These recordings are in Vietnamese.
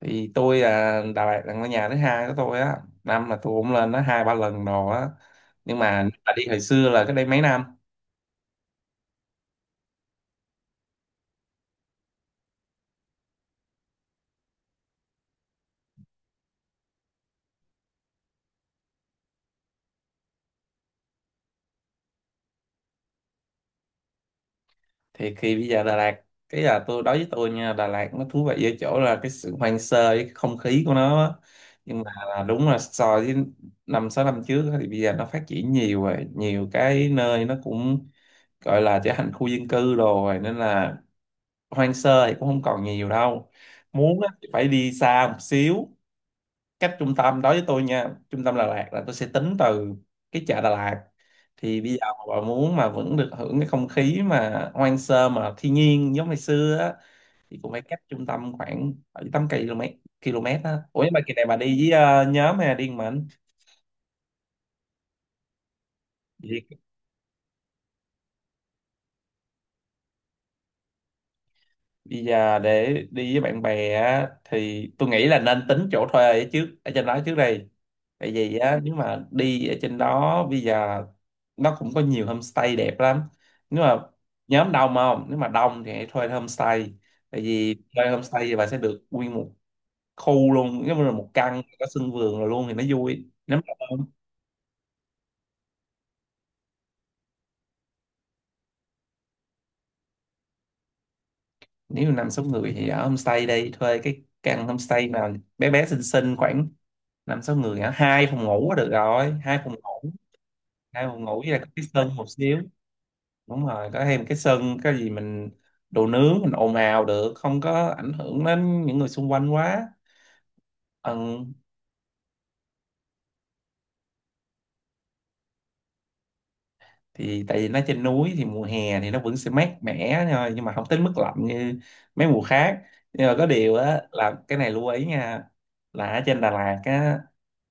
Thì tôi là Đà Lạt là ngôi nhà thứ hai của tôi á, năm là tôi cũng lên nó 2-3 lần rồi á, nhưng mà nếu mà đi hồi xưa là cách đây mấy năm. Thì khi bây giờ Đà Lạt cái là tôi, đối với tôi nha, Đà Lạt nó thú vị ở chỗ là cái sự hoang sơ với cái không khí của nó á. Nhưng mà là đúng là so với 5-6 năm trước á thì bây giờ nó phát triển nhiều rồi, nhiều cái nơi nó cũng gọi là trở thành khu dân cư rồi nên là hoang sơ thì cũng không còn nhiều đâu, muốn á thì phải đi xa một xíu. Cách trung tâm, đối với tôi nha, trung tâm Đà Lạt là tôi sẽ tính từ cái chợ Đà Lạt. Thì bây giờ mà bà muốn mà vẫn được hưởng cái không khí mà hoang sơ mà thiên nhiên giống ngày xưa á, thì cũng phải cách trung tâm khoảng 7 8 km km á. Ủa nhưng mà kỳ này bà đi với nhóm hay là đi một mình? Bây giờ để đi với bạn bè á, thì tôi nghĩ là nên tính chỗ thuê ở trước ở trên đó trước đây, tại vì á nếu mà đi ở trên đó bây giờ nó cũng có nhiều homestay đẹp lắm. Nếu mà nhóm đông không, nếu mà đông thì hãy thuê homestay, tại vì thuê homestay thì bà sẽ được nguyên một khu luôn, giống như là một căn có sân vườn rồi luôn thì nó vui nếu mà đông. Nếu mà 5-6 người thì ở homestay, đây thuê cái căn homestay nào bé bé xinh xinh khoảng 5-6 người hả, hai phòng ngủ là được rồi, hai phòng ngủ. Hai phòng ngủ với lại có cái sân một xíu, đúng rồi, có thêm cái sân cái gì mình đồ nướng mình ồn ào được, không có ảnh hưởng đến những người xung quanh quá. Ừ. Thì tại vì nó trên núi thì mùa hè thì nó vẫn sẽ mát mẻ thôi, nhưng mà không tới mức lạnh như mấy mùa khác. Nhưng mà có điều á là cái này lưu ý nha, là ở trên Đà Lạt á,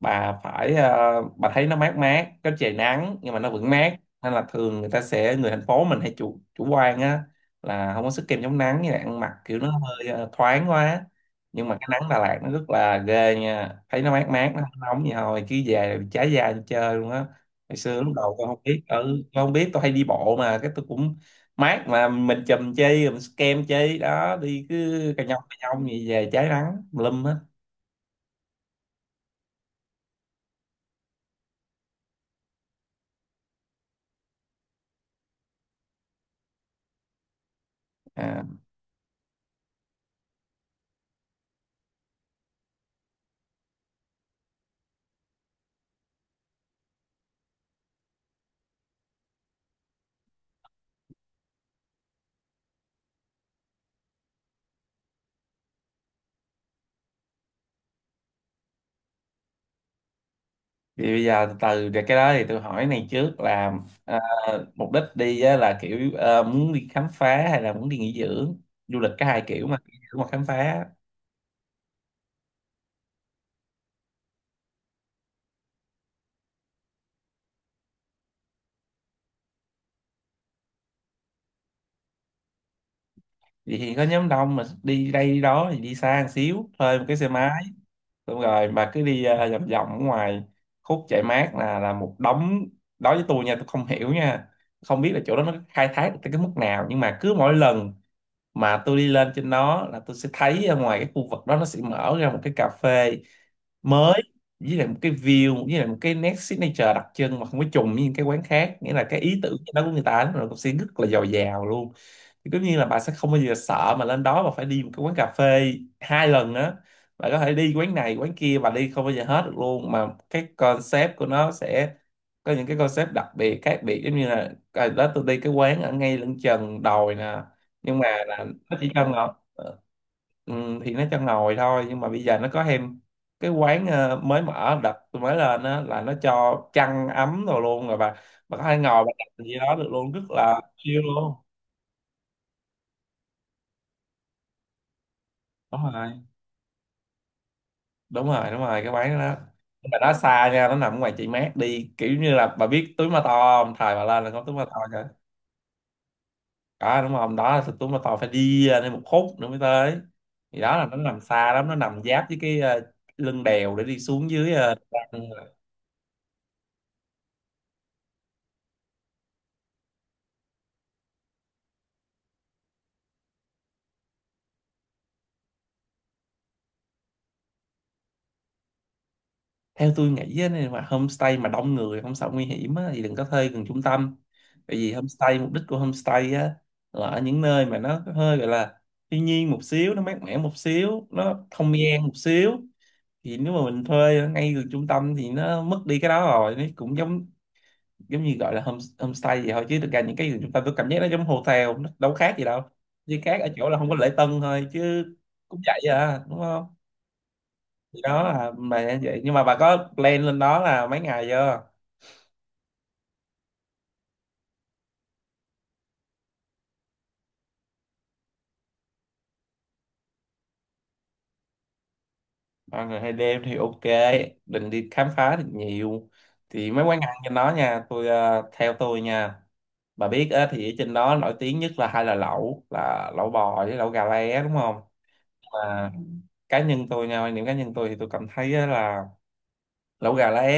bà phải bà thấy nó mát mát có trời nắng nhưng mà nó vẫn mát, nên là thường người ta sẽ, người thành phố mình hay chủ chủ quan á, là không có sức kem chống nắng, như là ăn mặc kiểu nó hơi thoáng quá. Nhưng mà cái nắng Đà Lạt nó rất là ghê nha, thấy nó mát mát nó không nóng gì thôi, cứ về là bị cháy da đi chơi luôn á. Ngày xưa lúc đầu tôi không biết, tôi hay đi bộ mà cái tôi cũng mát mà mình chùm chi mình sức kem chi đó, đi cứ cà nhông gì về cháy nắng lum hết. Thì bây giờ từ từ để cái đó thì tôi hỏi này trước là, à, mục đích đi á, là kiểu muốn đi khám phá hay là muốn đi nghỉ dưỡng? Du lịch có hai kiểu mà, nghỉ dưỡng hoặc khám phá. Vậy thì có nhóm đông mà đi đây đi đó thì đi xa một xíu thuê một cái xe máy, xong rồi mà cứ đi vòng vòng ở ngoài, khúc chạy mát là một đống. Đối với tôi nha, tôi không hiểu nha, không biết là chỗ đó nó khai thác được tới cái mức nào, nhưng mà cứ mỗi lần mà tôi đi lên trên đó là tôi sẽ thấy ở ngoài cái khu vực đó nó sẽ mở ra một cái cà phê mới, với lại một cái view, với lại một cái nét signature đặc trưng mà không có trùng với những cái quán khác, nghĩa là cái ý tưởng đó của người ta nó cũng sẽ rất là giàu giàu luôn. Thì tất nhiên là bà sẽ không bao giờ sợ mà lên đó mà phải đi một cái quán cà phê hai lần á, bà có thể đi quán này quán kia, bà đi không bao giờ hết được luôn, mà cái concept của nó sẽ có những cái concept đặc biệt khác biệt, giống như là à, đó, tôi đi cái quán ở ngay lưng chừng đồi nè, nhưng mà là nó chỉ cho ngồi. Ừ, thì nó cho ngồi thôi nhưng mà bây giờ nó có thêm cái quán mới mở đặt tôi mới lên á, là nó cho chăn ấm rồi luôn rồi, bà có thể ngồi bà đặt gì đó được luôn, rất là chill luôn. Đúng rồi, đúng rồi, đúng rồi, cái quán đó. Nhưng mà nó xa nha, nó nằm ngoài chị mát, đi kiểu như là bà biết túi ma to không, thời bà lên là có túi ma to kìa. Có đúng không, đó là túi ma to, phải đi nên một khúc nữa mới tới. Thì đó là nó nằm xa lắm, nó nằm giáp với cái lưng đèo để đi xuống dưới theo tôi nghĩ á, nếu mà homestay mà đông người không sợ nguy hiểm á, thì đừng có thuê gần trung tâm. Tại vì homestay, mục đích của homestay á, là ở những nơi mà nó hơi gọi là thiên nhiên một xíu, nó mát mẻ một xíu, nó không gian một xíu. Thì nếu mà mình thuê ở ngay gần trung tâm thì nó mất đi cái đó rồi, nó cũng giống giống như gọi là home, homestay vậy thôi, chứ thực ra những cái gần trung tâm tôi cảm giác nó giống hotel, nó đâu khác gì đâu, chỉ khác ở chỗ là không có lễ tân thôi chứ cũng vậy à, đúng không? Thì đó là bà đã vậy, nhưng mà bà có plan lên đó là mấy ngày chưa? 3 ngày 2 đêm thì ok. Định đi khám phá thì nhiều. Thì mấy quán ăn trên đó nha, theo tôi nha, bà biết á, thì ở trên đó nổi tiếng nhất là hai là lẩu, là lẩu bò với lẩu gà lá, đúng không? Mà cá nhân tôi nha, quan điểm cá nhân tôi thì tôi cảm thấy á là lẩu gà lá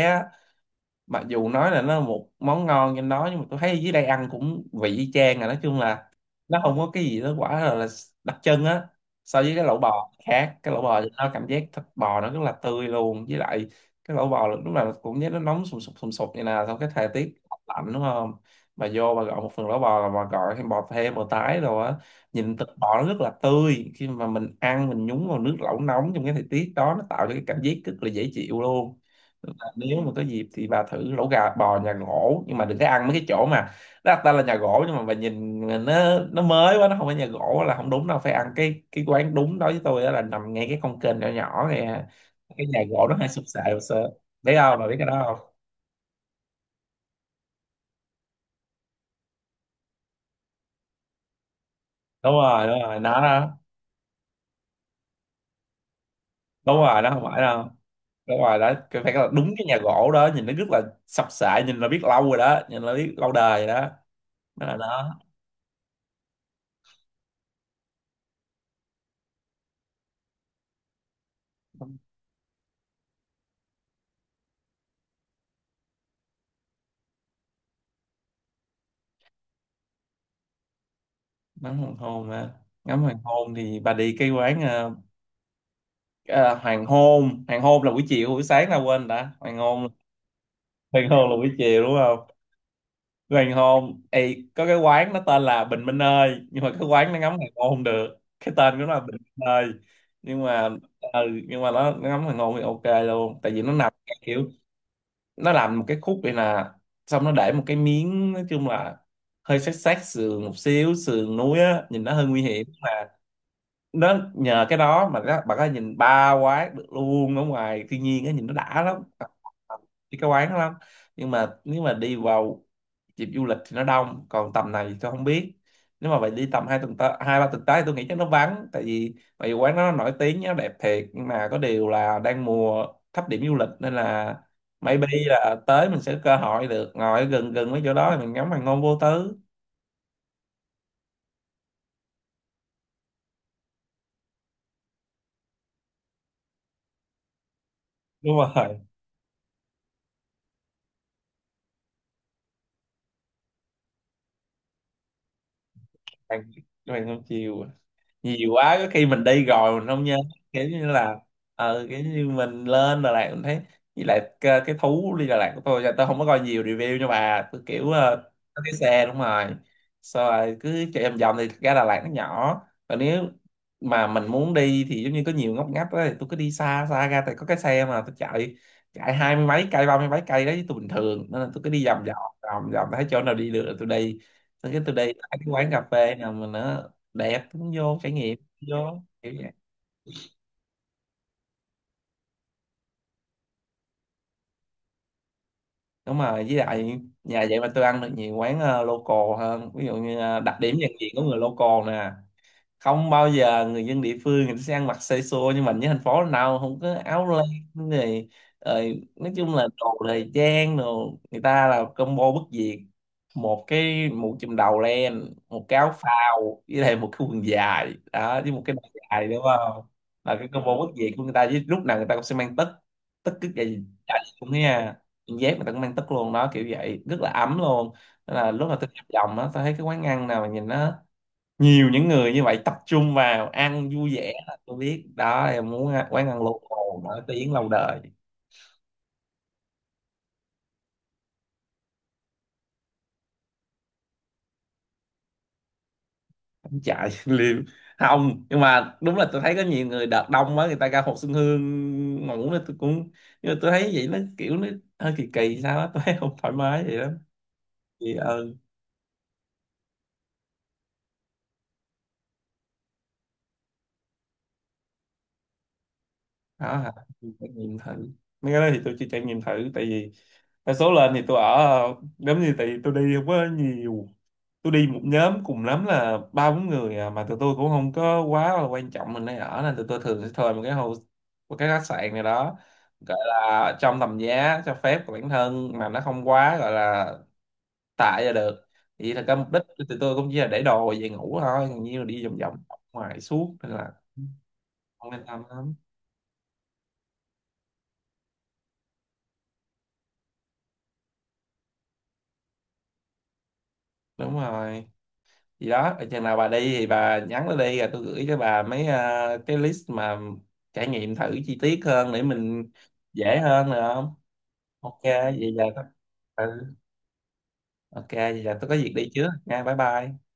mặc dù nói là nó là một món ngon trên đó, nhưng mà tôi thấy ở dưới đây ăn cũng vị y chang à, nói chung là nó không có cái gì đó quả là đặc trưng á so với cái lẩu bò khác. Cái lẩu bò thì nó cảm giác thịt bò nó rất là tươi luôn, với lại cái lẩu bò lúc nào cũng nhớ nó nóng sùng sục như nào trong cái thời tiết lạnh, đúng không? Bà vô bà gọi một phần lẩu bò là bà gọi thêm bò, thêm bò tái rồi á, nhìn thịt bò nó rất là tươi, khi mà mình ăn mình nhúng vào nước lẩu nóng trong cái thời tiết đó, nó tạo cho cái cảm giác rất là dễ chịu luôn. Tức là nếu mà có dịp thì bà thử lẩu gà bò nhà gỗ, nhưng mà đừng có ăn mấy cái chỗ mà nó đặt tên là nhà gỗ nhưng mà bà nhìn nó mới quá, nó không phải nhà gỗ là không đúng đâu. Phải ăn cái quán đúng, đối với tôi đó là nằm ngay cái con kênh nhỏ nhỏ này. Cái nhà gỗ nó hay sụp sệ một sơ, biết không, bà biết cái đó không? Đúng rồi, đúng rồi, nó đó. Đúng rồi, nó không phải đâu, đúng rồi, đó cái phải là đúng cái nhà gỗ đó, nhìn nó rất là sập sệ, nhìn là biết lâu rồi đó, nhìn là biết lâu đời rồi đó, mới là nó. Ngắm hoàng hôn mà ngắm hoàng hôn thì bà đi cái quán à, hoàng hôn, hoàng hôn là buổi chiều, buổi sáng là, quên, đã hoàng hôn, hoàng hôn là buổi chiều đúng không? Hoàng hôn, Ê, có cái quán nó tên là Bình Minh ơi, nhưng mà cái quán nó ngắm hoàng hôn không được, cái tên của nó là Bình Minh ơi. Nhưng mà ừ, nhưng mà nó ngắm hoàng hôn thì ok luôn, tại vì nó nằm cái kiểu, nó làm một cái khúc vậy nè, xong nó để một cái miếng, nói chung là hơi sát sát sườn một xíu, sườn núi á, nhìn nó hơi nguy hiểm. Nó nhờ cái đó mà các bạn có thể nhìn ba quán được luôn ở ngoài thiên nhiên á, nhìn nó đã lắm. Đi cái quán đó lắm. Nhưng mà nếu mà đi vào dịp du lịch thì nó đông, còn tầm này thì tôi không biết. Nếu mà bạn đi tầm 2 tuần tới 2-3 tuần tới thì Tôi nghĩ chắc nó vắng tại vì quán nó nổi tiếng, nó đẹp thiệt, nhưng mà có điều là đang mùa thấp điểm du lịch, nên là maybe là tới mình sẽ có cơ hội được ngồi gần gần mấy chỗ đó thì mình ngắm hoàng hôn vô tư. Đúng rồi. bạn bạn không chiều nhiều quá, có khi mình đi rồi mình không nhớ. Kiểu như là, kiểu như mình lên Đà Lạt mình thấy, với lại cái thú đi Đà Lạt của tôi là tôi không có coi nhiều review, nhưng mà tôi kiểu có cái xe, đúng rồi, sau rồi cứ chạy vòng vòng. Thì thực ra Đà Lạt nó nhỏ, còn nếu mà mình muốn đi thì giống như có nhiều ngóc ngách đó, thì tôi cứ đi xa xa ra, tại có cái xe mà tôi chạy, chạy hai mươi mấy cây ba mươi mấy cây đấy tôi bình thường, nên là tôi cứ đi vòng vòng, vòng vòng, thấy chỗ nào đi được là tôi đi, xong cái tôi đi tới cái quán cà phê nào mà nó đẹp cũng vô trải nghiệm, vô kiểu vậy. Đúng rồi, với lại nhà vậy mà tôi ăn được nhiều quán local hơn. Ví dụ như đặc điểm nhận diện của người local nè, không bao giờ người dân địa phương người ta sẽ ăn mặc xê xô, nhưng mà như thành phố nào không có áo len này, rồi nói chung là đồ thời trang, đồ người ta là combo bất diệt: một cái mũ chùm đầu len, một cái áo phao, với lại một cái quần dài đó, với một cái đai dài, đúng không? Là cái combo bất diệt của người ta. Với lúc nào người ta cũng sẽ mang tất, tất cứ cái gì chả gì cũng thế nha. Quần dép người ta cũng mang tất luôn đó, kiểu vậy rất là ấm luôn. Nên là lúc mà tôi nhập vòng á, tôi thấy cái quán ăn nào mà nhìn nó nhiều những người như vậy tập trung vào ăn vui vẻ là tôi biết đó, em muốn ăn- quán ăn local nổi tiếng lâu đời. Không chạy liêm. Không, nhưng mà đúng là tôi thấy có nhiều người đợt đông quá người ta ra Hồ Xuân Hương ngủ nên tôi cũng, nhưng mà tôi thấy vậy nó kiểu nó hơi kỳ kỳ sao á tôi thấy không thoải mái vậy lắm. Thì ừ. Đó hả? Trải nghiệm thử mấy cái đó thì tôi chưa trải nghiệm thử, tại vì đa số lên thì tôi ở giống như, tại vì tôi đi không có nhiều, tôi đi một nhóm cùng lắm là ba bốn người à, mà tụi tôi cũng không có quá là quan trọng mình nơi ở, nên tụi tôi thường sẽ thuê một cái hồ, một cái khách sạn này đó, gọi là trong tầm giá cho phép của bản thân mà nó không quá gọi là tệ là được. Thì thật ra mục đích của tụi tôi cũng chỉ là để đồ về ngủ thôi, còn như là đi vòng vòng ngoài suốt, nên là không yên tâm lắm. Đúng rồi, gì đó chừng nào bà đi thì bà nhắn nó đi, rồi tôi gửi cho bà mấy cái list mà trải nghiệm thử chi tiết hơn để mình dễ hơn, được không? Ok vậy là, ừ, ok vậy là tôi có việc đi trước nha, bye bye.